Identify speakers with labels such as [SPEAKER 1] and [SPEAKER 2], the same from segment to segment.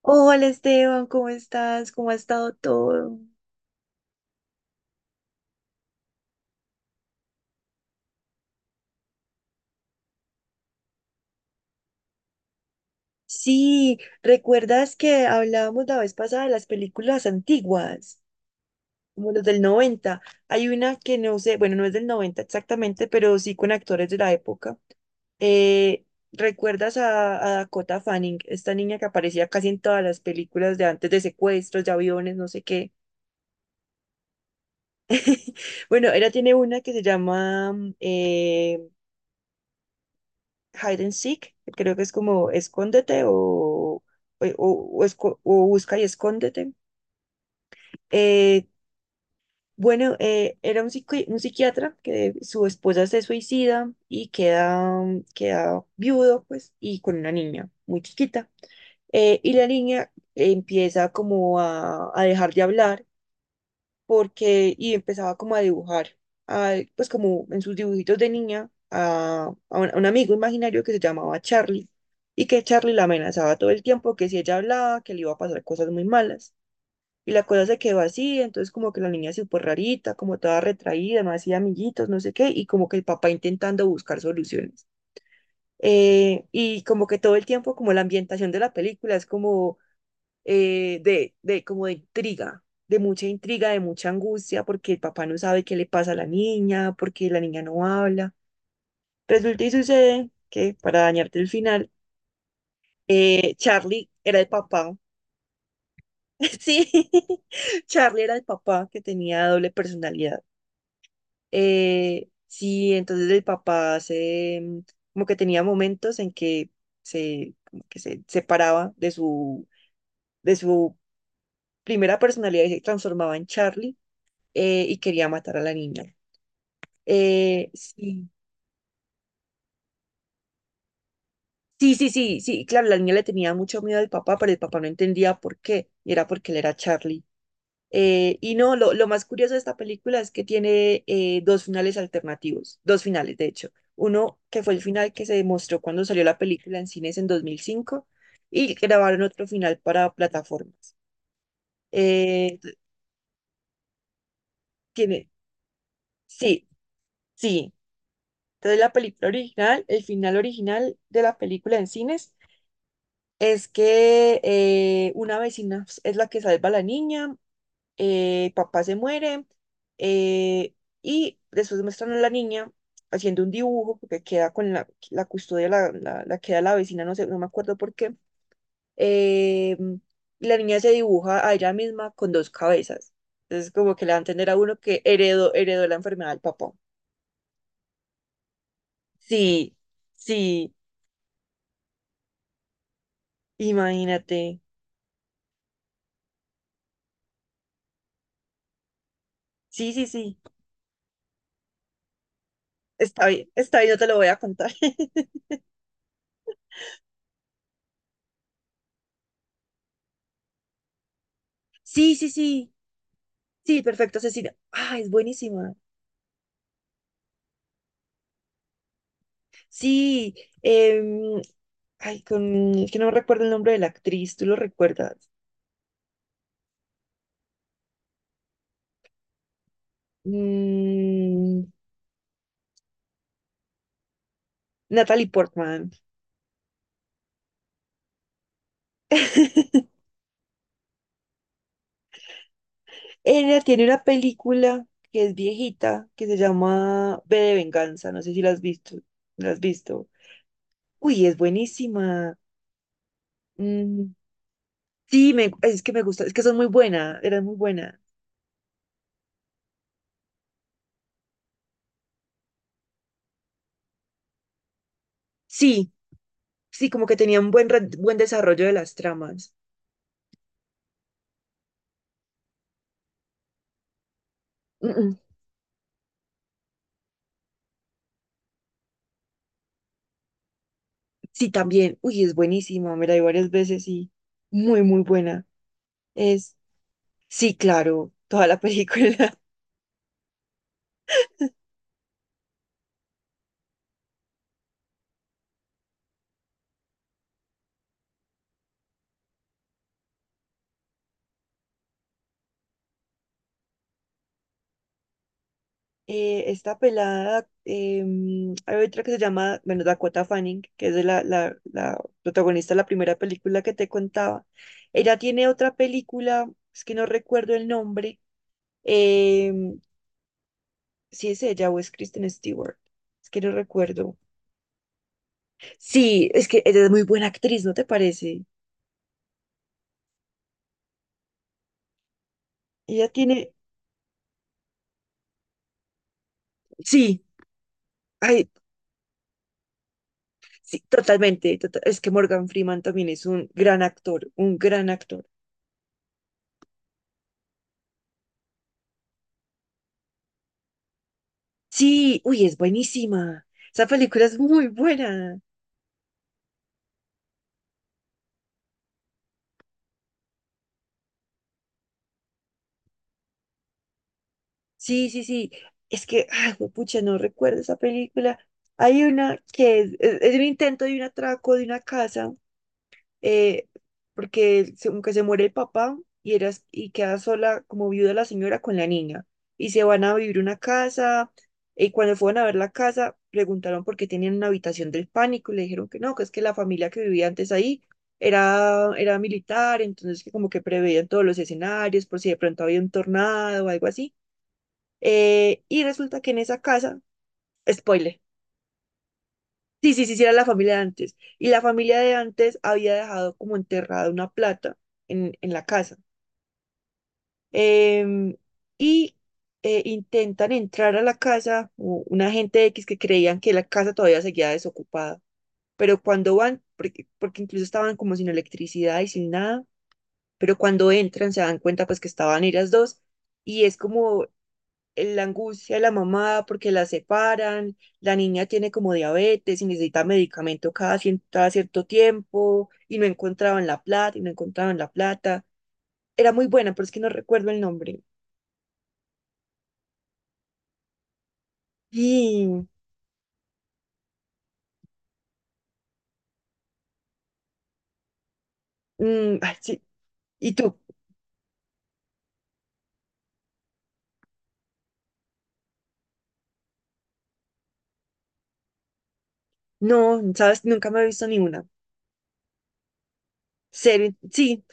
[SPEAKER 1] Hola Esteban, ¿cómo estás? ¿Cómo ha estado todo? Sí, ¿recuerdas que hablábamos la vez pasada de las películas antiguas, como los del noventa? Hay una que no sé, bueno, no es del 90 exactamente, pero sí con actores de la época. Eh, ¿Recuerdas a Dakota Fanning, esta niña que aparecía casi en todas las películas de antes, de secuestros, de aviones, no sé qué? Bueno, ella tiene una que se llama Hide and Seek, creo que es como escóndete o o busca y escóndete. Eh, bueno, era un psiquiatra que su esposa se suicida y queda viudo, pues, y con una niña muy chiquita. Y la niña empieza como a dejar de hablar porque, y empezaba como a dibujar, pues como en sus dibujitos de niña, a a un amigo imaginario que se llamaba Charlie y que Charlie la amenazaba todo el tiempo, que si ella hablaba, que le iba a pasar cosas muy malas. Y la cosa se quedó así, entonces como que la niña se fue rarita, como toda retraída, no hacía amiguitos, no sé qué, y como que el papá intentando buscar soluciones. Y como que todo el tiempo, como la ambientación de la película es como de como de intriga, de mucha angustia, porque el papá no sabe qué le pasa a la niña, porque la niña no habla. Resulta y sucede que, para dañarte el final, Charlie era el papá. Sí, Charlie era el papá que tenía doble personalidad. Sí, entonces el papá, como que tenía momentos en que como que se separaba de de su primera personalidad y se transformaba en Charlie, y quería matar a la niña. Sí, sí, sí, sí, sí, claro, la niña le tenía mucho miedo al papá, pero el papá no entendía por qué, y era porque él era Charlie. Y no, lo más curioso de esta película es que tiene dos finales alternativos, dos finales, de hecho. Uno que fue el final que se demostró cuando salió la película en cines en 2005, y grabaron otro final para plataformas. Eh, tiene, sí, sí. Entonces la película original, el final original de la película en cines, es que una vecina es la que salva a la niña, papá se muere, eh, y después muestran a la niña haciendo un dibujo porque queda con la custodia, la queda la vecina, no sé, no me acuerdo por qué. eh, y la niña se dibuja a ella misma con dos cabezas. Entonces como que le va a entender a uno que heredó la enfermedad del papá. Sí, sí, imagínate. Sí, sí, sí. Está bien, yo te lo voy a contar. Sí, sí, sí. Sí, perfecto, Cecilia. Ah, es buenísima. Sí, em, ay, es que no recuerdo el nombre de la actriz, ¿tú lo recuerdas? Mm, Natalie Portman. Ella tiene una película que es viejita, que se llama V de Venganza, no sé si la has visto. ¿La has visto? Uy, es buenísima. Mm, sí, es que me gusta, es que son muy buenas, eran muy buenas. Sí, sí, como que tenían buen desarrollo de las tramas. Mm, mm. Sí, también. Uy, es buenísima. Me la vi varias veces y muy, muy buena. Es, sí, claro, toda la película. Esta pelada, hay otra que se llama, bueno, Dakota Fanning, que es de la protagonista de la primera película que te contaba. Ella tiene otra película, es que no recuerdo el nombre. em, si es ella o es Kristen Stewart. Es que no recuerdo. Sí, es que ella es muy buena actriz, ¿no te parece? Ella tiene, sí. Ay, sí, totalmente. Es que Morgan Freeman también es un gran actor, un gran actor. Sí, uy, es buenísima. Esa película es muy buena. Sí, sí, sí. Es que, ay, pucha, no recuerdo esa película. Hay una que es un intento de un atraco de una casa, eh, porque como que se muere el papá y queda sola como viuda la señora con la niña. Y se van a vivir una casa, y cuando fueron a ver la casa, preguntaron por qué tenían una habitación del pánico y le dijeron que no, que es que la familia que vivía antes ahí era militar, entonces que como que preveían todos los escenarios por si de pronto había un tornado o algo así. Y resulta que en esa casa, spoiler. Sí, sí, sí, sí, era la familia de antes. Y la familia de antes había dejado como enterrada una plata en la casa. Em, y intentan entrar a la casa, una gente X que creían que la casa todavía seguía desocupada. Pero cuando van, porque incluso estaban como sin electricidad y sin nada, pero cuando entran se dan cuenta pues que estaban ellas dos. Y es como la angustia de la mamá porque la separan, la niña tiene como diabetes y necesita medicamento cada cierto tiempo, y no encontraban la plata y no encontraban la plata. Era muy buena, pero es que no recuerdo el nombre. Y, ay, sí. ¿Y tú? No, sabes, nunca me he visto ni una. Cero, sí,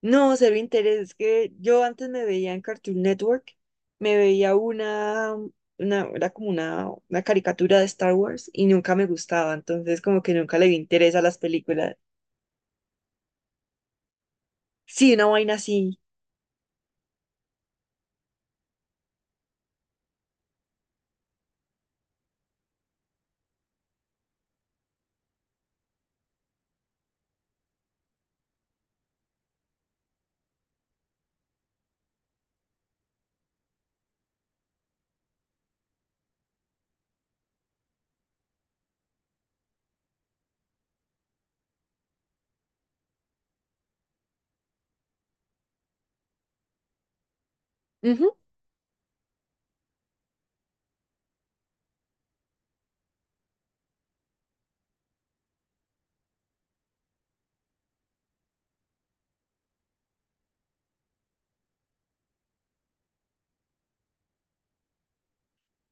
[SPEAKER 1] no, cero interés. Es que yo antes me veía en Cartoon Network, me veía era como una caricatura de Star Wars y nunca me gustaba, entonces como que nunca le vi interés a las películas. Sí, una vaina así. Ujú,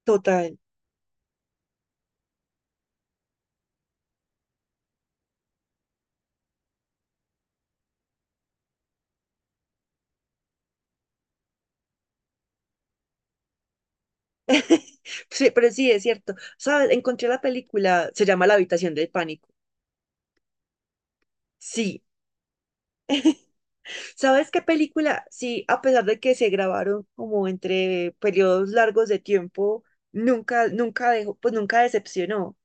[SPEAKER 1] total. Sí, pero sí, es cierto. ¿Sabes? Encontré la película, se llama La habitación del pánico. Sí. ¿Sabes qué película? Sí, a pesar de que se grabaron como entre periodos largos de tiempo, nunca, nunca dejó, pues nunca decepcionó.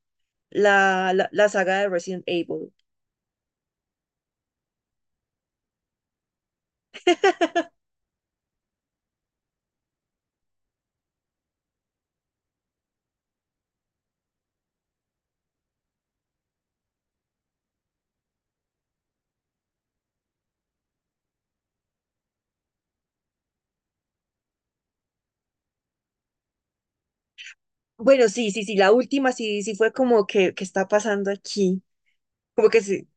[SPEAKER 1] La saga de Resident Evil. Bueno, sí, sí, sí, la última sí, sí fue como que está pasando aquí. Como que sí,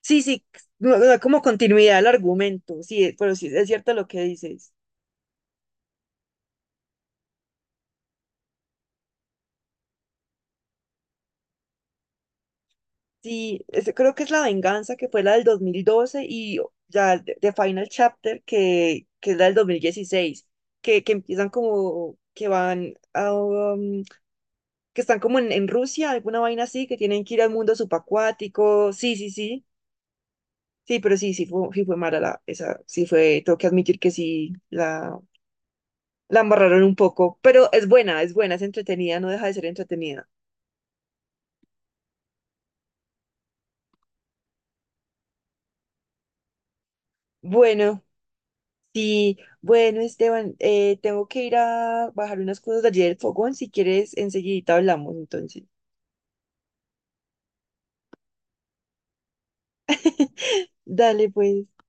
[SPEAKER 1] sí, sí, no, no, como continuidad al argumento, sí, pero sí, es cierto lo que dices. Sí, creo que es la venganza, que fue la del 2012, y oh, ya The Final Chapter, que es la del 2016, que empiezan como que van a, que están como en Rusia, alguna vaina así, que tienen que ir al mundo subacuático, sí, sí, sí. Sí, pero sí, sí fue mala esa, sí fue, tengo que admitir que sí la embarraron un poco, pero es buena, es buena, es entretenida, no deja de ser entretenida. Bueno, sí, bueno, Esteban, tengo que ir a bajar unas cosas de allí del fogón, si quieres enseguidita hablamos, entonces. Dale, pues.